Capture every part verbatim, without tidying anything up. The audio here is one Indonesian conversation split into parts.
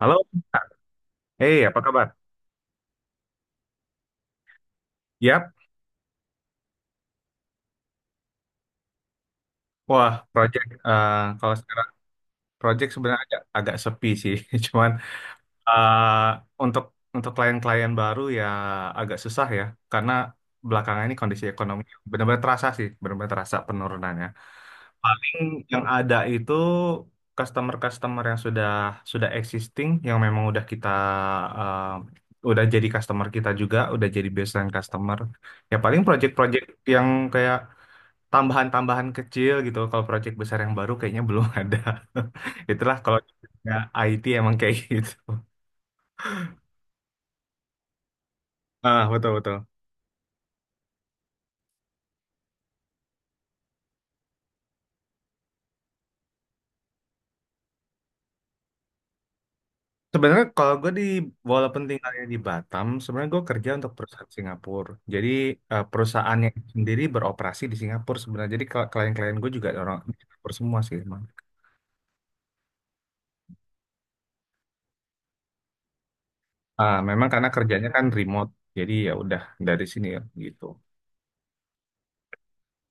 Halo, Kak. Eh apa kabar? Yap, wah, project, eh, kalau sekarang project sebenarnya agak, agak sepi sih, cuman eh, untuk untuk klien-klien baru ya, agak susah ya, karena belakangan ini kondisi ekonomi benar-benar terasa sih, benar-benar terasa penurunannya. Paling yang ada itu customer-customer yang sudah sudah existing, yang memang udah kita, eh, udah jadi customer kita juga, udah jadi baseline customer. Ya paling project-project yang kayak tambahan-tambahan kecil gitu. Kalau proyek besar yang baru kayaknya belum ada. Itulah kalau ya, I T emang kayak gitu. Ah, betul betul. Sebenarnya kalau gue di walaupun tinggalnya di Batam, sebenarnya gue kerja untuk perusahaan Singapura. Jadi eh, perusahaannya sendiri beroperasi di Singapura sebenarnya. Jadi kl- klien-klien gue juga orang di Singapura semua sih emang. Ah, memang karena kerjanya kan remote, jadi ya udah dari sini ya gitu.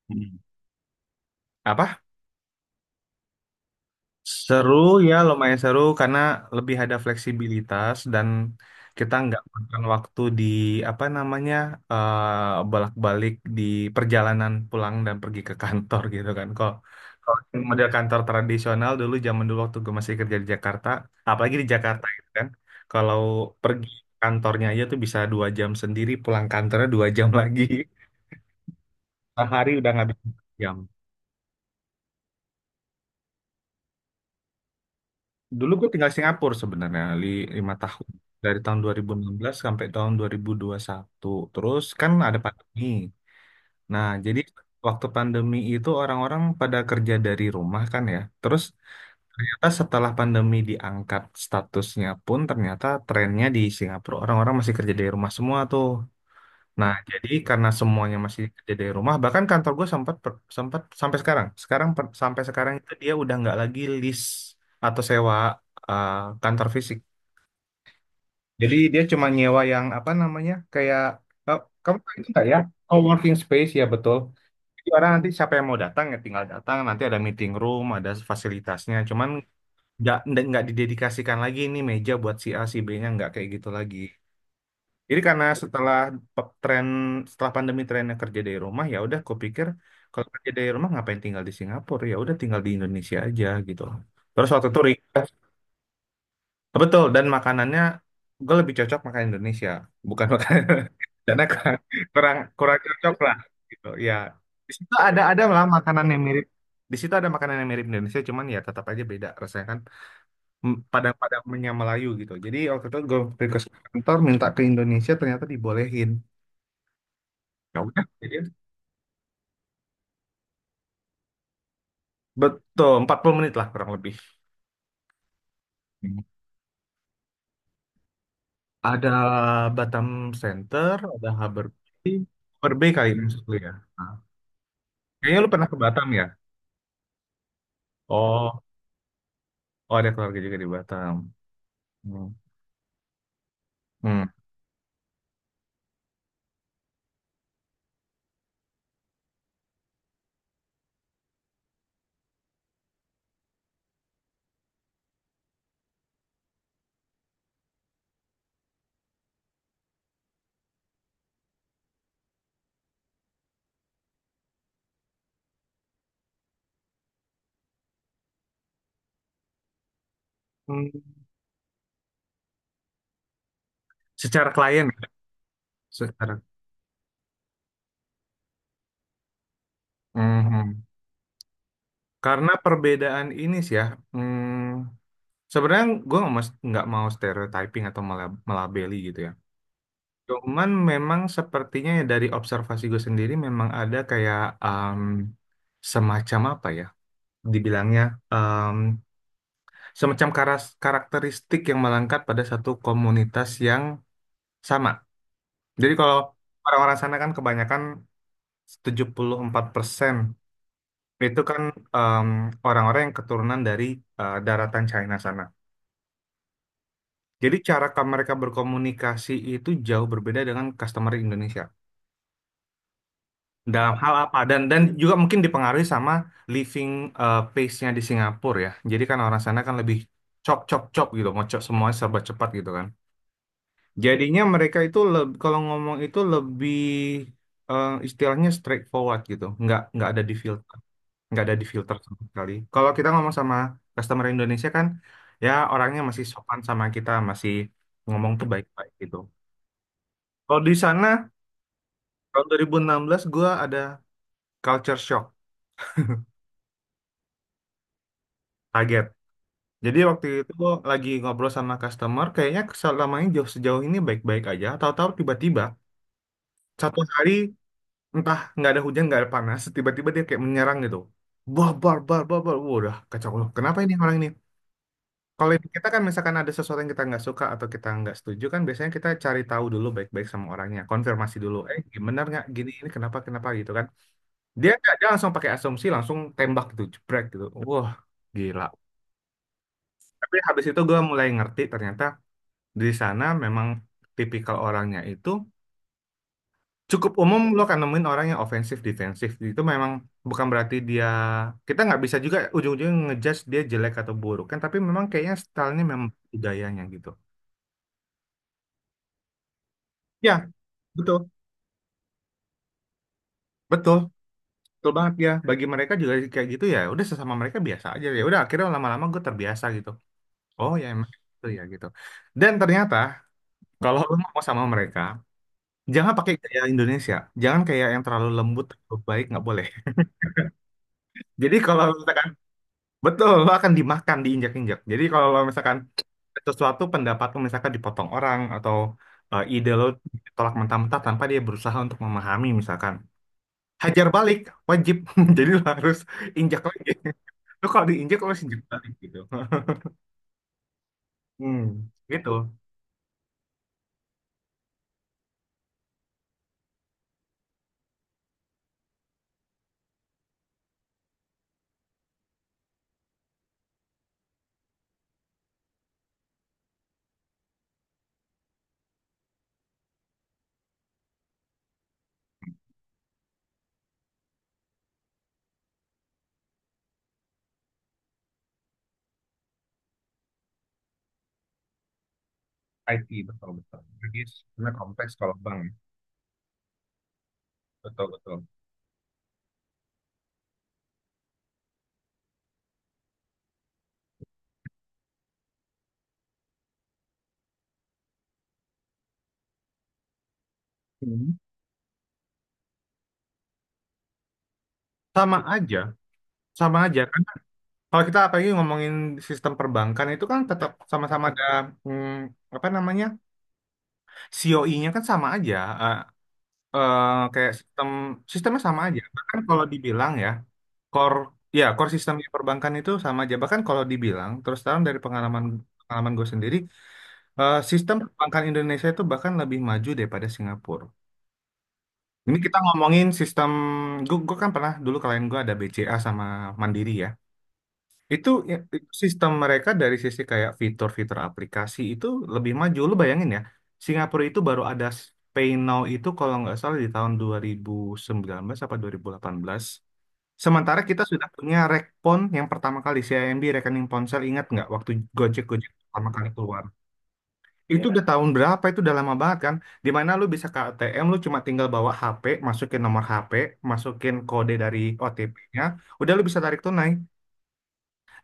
Hmm. Apa? Seru ya, lumayan seru karena lebih ada fleksibilitas, dan kita nggak makan waktu di apa namanya, eh, bolak-balik di perjalanan pulang dan pergi ke kantor gitu kan. Kok kalau yang model kantor tradisional dulu, zaman dulu waktu gue masih kerja di Jakarta, apalagi di Jakarta gitu kan, kalau pergi kantornya aja tuh bisa dua jam sendiri, pulang kantornya dua jam lagi. Sehari udah nggak bisa jam. Dulu gue tinggal Singapura sebenarnya li- lima tahun dari tahun dua ribu enam belas sampai tahun dua ribu dua puluh satu. Terus kan ada pandemi. Nah, jadi waktu pandemi itu orang-orang pada kerja dari rumah kan ya. Terus ternyata setelah pandemi diangkat statusnya pun, ternyata trennya di Singapura orang-orang masih kerja dari rumah semua tuh. Nah, jadi karena semuanya masih kerja dari rumah, bahkan kantor gue sempat, per- sempat sampai sekarang. Sekarang, per- sampai sekarang itu dia udah nggak lagi lease atau sewa, eh, kantor fisik. Jadi dia cuma nyewa yang apa namanya, kayak, "Oh, kamu tahu itu nggak ya?" Oh, working space, ya betul. Jadi orang nanti siapa yang mau datang ya tinggal datang. Nanti ada meeting room, ada fasilitasnya. Cuman nggak nggak nggak didedikasikan lagi ini meja buat si A si B-nya, nggak kayak gitu lagi. Jadi karena setelah, pe- tren setelah pandemi trennya kerja dari rumah, ya udah, kupikir kalau kerja dari rumah ngapain tinggal di Singapura, ya udah tinggal di Indonesia aja gitu. Terus waktu itu request, betul, dan makanannya gue lebih cocok makan Indonesia bukan makan, karena kurang kurang kurang cocok lah gitu ya. Di situ ada ada lah makanan yang mirip, di situ ada makanan yang mirip Indonesia cuman ya tetap aja beda rasanya kan. M- padang-padangnya Melayu gitu. Jadi waktu itu gue request ke kantor minta ke Indonesia, ternyata dibolehin. Ya udah, jadi. Betul, empat puluh menit lah kurang lebih. Hmm. Ada Batam Center, ada Harbour Bay. Harbour Bay kali ini maksud lu ya. Nah, kayaknya lu pernah ke Batam ya? Oh, oh ada keluarga juga di Batam. Hmm. Hmm. Hmm. Secara klien, ya? Secara. Mhm. Karena perbedaan ini sih ya. hmm, Sebenarnya gue nggak mas- nggak mau stereotyping atau mela- melabeli gitu ya. Cuman memang sepertinya ya, dari observasi gue sendiri memang ada kayak, em, semacam apa ya dibilangnya, em, semacam karas- karakteristik yang melengkap pada satu komunitas yang sama. Jadi kalau orang-orang sana kan kebanyakan tujuh puluh empat persen itu kan, em, orang-orang yang keturunan dari, eh, daratan China sana. Jadi cara ka- mereka berkomunikasi itu jauh berbeda dengan customer Indonesia. Dalam hal apa? Dan dan juga mungkin dipengaruhi sama living, eh, pace-nya di Singapura ya. Jadi kan orang sana kan lebih chop chop chop gitu, mau chop semuanya serba cepat gitu kan. Jadinya mereka itu, leb- kalau ngomong itu lebih, eh, istilahnya straightforward gitu, nggak nggak ada di filter, nggak ada di filter sama sekali. Kalau kita ngomong sama customer Indonesia kan, ya orangnya masih sopan sama kita, masih ngomong tuh baik-baik gitu. Kalau di sana tahun dua ribu enam belas gue ada culture shock, kaget. Jadi waktu itu gua lagi ngobrol sama customer, kayaknya selama ini, jauh sejauh ini baik-baik aja. Tahu-tahu tiba-tiba satu hari, entah nggak ada hujan nggak ada panas, tiba-tiba dia kayak menyerang gitu. Bar bar bar bar bar, wah, udah kacau loh. Kenapa ini orang ini? Kalau di kita kan misalkan ada sesuatu yang kita nggak suka atau kita nggak setuju kan biasanya kita cari tahu dulu baik-baik sama orangnya, konfirmasi dulu. Eh, gimana, nggak, gini ini kenapa, kenapa gitu kan? Dia nggak Dia langsung pakai asumsi, langsung tembak gitu, jebrek gitu. Wah, gila. Tapi habis itu gue mulai ngerti ternyata di sana memang tipikal orangnya itu cukup umum, lo akan nemuin orang yang ofensif defensif. Itu memang bukan berarti, dia kita nggak bisa juga ujung-ujungnya ngejudge dia jelek atau buruk kan, tapi memang kayaknya stylenya memang budayanya gitu ya. Betul, betul, betul banget ya. Bagi mereka juga kayak gitu, ya udah, sesama mereka biasa aja, ya udah. Akhirnya lama-lama gue terbiasa gitu. Oh ya, emang itu ya gitu. Dan ternyata kalau lo mau sama mereka, jangan pakai gaya Indonesia. Jangan kayak yang terlalu lembut, terlalu baik, nggak boleh. Jadi kalau misalkan Betul, lo akan dimakan, diinjak-injak. Jadi kalau lo misalkan, sesuatu pendapat lo misalkan dipotong orang, atau eh, ide lo ditolak mentah-mentah tanpa dia berusaha untuk memahami misalkan. Hajar balik, wajib. Jadi lo harus injak lagi. Lo kalau diinjak lo harus injak balik gitu. Hmm, gitu. I T, betul-betul. Jadi sebenarnya kompleks kalau bank, ya. Betul-betul. Hmm. Sama aja, sama aja. Karena kalau kita apalagi ngomongin sistem perbankan itu kan tetap sama-sama ada, hmm, apa namanya, C O I-nya kan sama aja, eh, eh, kayak sistem sistemnya sama aja. Bahkan kalau dibilang ya, core ya core sistemnya perbankan itu sama aja. Bahkan kalau dibilang terus terang, dari pengalaman pengalaman gue sendiri, eh, sistem perbankan Indonesia itu bahkan lebih maju daripada Singapura. Ini kita ngomongin sistem. Gue, gue kan pernah dulu klien gue ada B C A sama Mandiri ya. Itu ya, itu sistem mereka dari sisi kayak fitur-fitur aplikasi itu lebih maju. Lu bayangin ya, Singapura itu baru ada Pay Now itu kalau nggak salah di tahun dua ribu sembilan belas apa dua ribu delapan belas. Sementara kita sudah punya Rekpon yang pertama kali, C I M B rekening ponsel, ingat nggak waktu Gojek-Gojek pertama kali keluar. Itu, ya udah, iya, tahun berapa, itu udah lama banget kan. Dimana lu bisa ke A T M, lu cuma tinggal bawa H P, masukin nomor H P, masukin kode dari O T P-nya, udah lu bisa tarik tunai.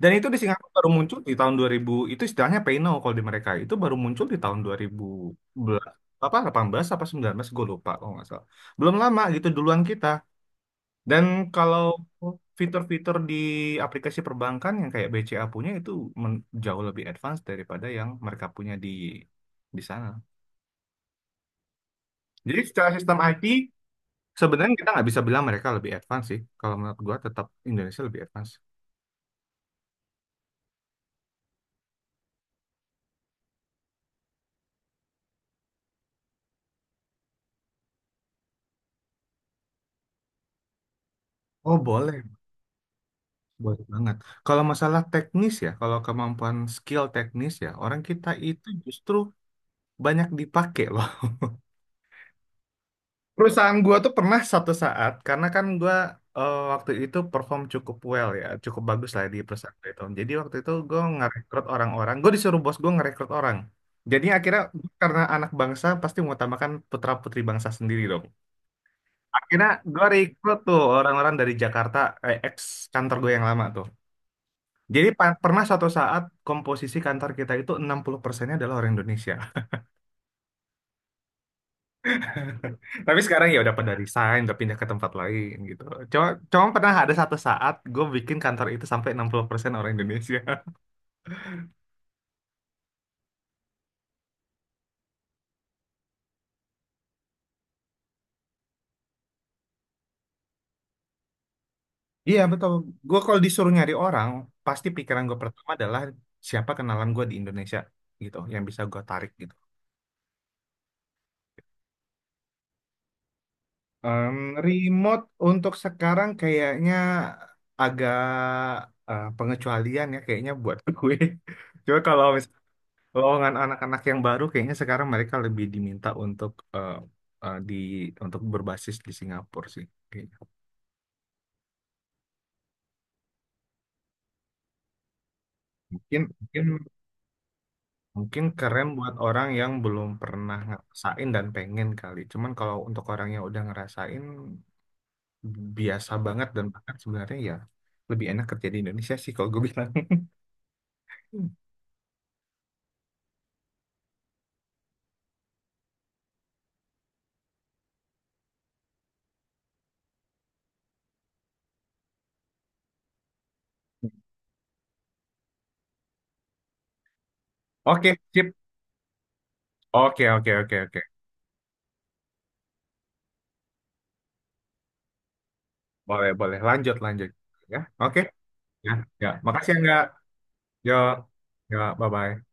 Dan itu di Singapura baru muncul di tahun dua ribu, itu istilahnya Peino kalau di mereka, itu baru muncul di tahun dua ribu apa delapan belas apa sembilan belas gue lupa kalau nggak salah. Belum lama gitu, duluan kita. Dan kalau fitur-fitur di aplikasi perbankan yang kayak B C A punya itu, men- jauh lebih advance daripada yang mereka punya di di sana. Jadi secara sistem I T sebenarnya kita nggak bisa bilang mereka lebih advance sih. Kalau menurut gua tetap Indonesia lebih advance. Oh, boleh. Boleh banget. Kalau masalah teknis ya, kalau kemampuan skill teknis ya, orang kita itu justru banyak dipakai loh. Perusahaan gua tuh pernah satu saat, karena kan gua, eh, waktu itu perform cukup well ya, cukup bagus lah di perusahaan itu. Jadi waktu itu gua ngerekrut orang-orang, gua disuruh bos gua ngerekrut orang. Jadi akhirnya, karena anak bangsa pasti mengutamakan putra-putri bangsa sendiri dong. Akhirnya gue rekrut tuh orang-orang dari Jakarta, eh, ex kantor gue yang lama tuh. Jadi pa- pernah suatu saat komposisi kantor kita itu enam puluh persennya adalah orang Indonesia. Tapi sekarang ya udah pada resign, udah pindah ke tempat lain gitu. Cuma, cuma pernah ada satu saat gue bikin kantor itu sampai enam puluh persen orang Indonesia. Iya betul. Gue kalau disuruh nyari orang, pasti pikiran gue pertama adalah siapa kenalan gue di Indonesia gitu, yang bisa gue tarik gitu. Em, Remote untuk sekarang kayaknya agak, eh, pengecualian ya kayaknya buat gue. Cuma kalau Kalau golongan anak-anak yang baru, kayaknya sekarang mereka lebih diminta untuk, eh, eh, di untuk berbasis di Singapura sih. Kayaknya. Mungkin mungkin mungkin keren buat orang yang belum pernah ngerasain dan pengen kali. Cuman kalau untuk orang yang udah ngerasain, biasa banget, dan bahkan sebenarnya ya lebih enak kerja di Indonesia sih kalau gue bilang. Oke, sip. Oke, oke, oke, oke. Boleh, boleh. Lanjut, lanjut. Ya, oke. Ya, ya. Makasih enggak. Yo, ya, bye-bye.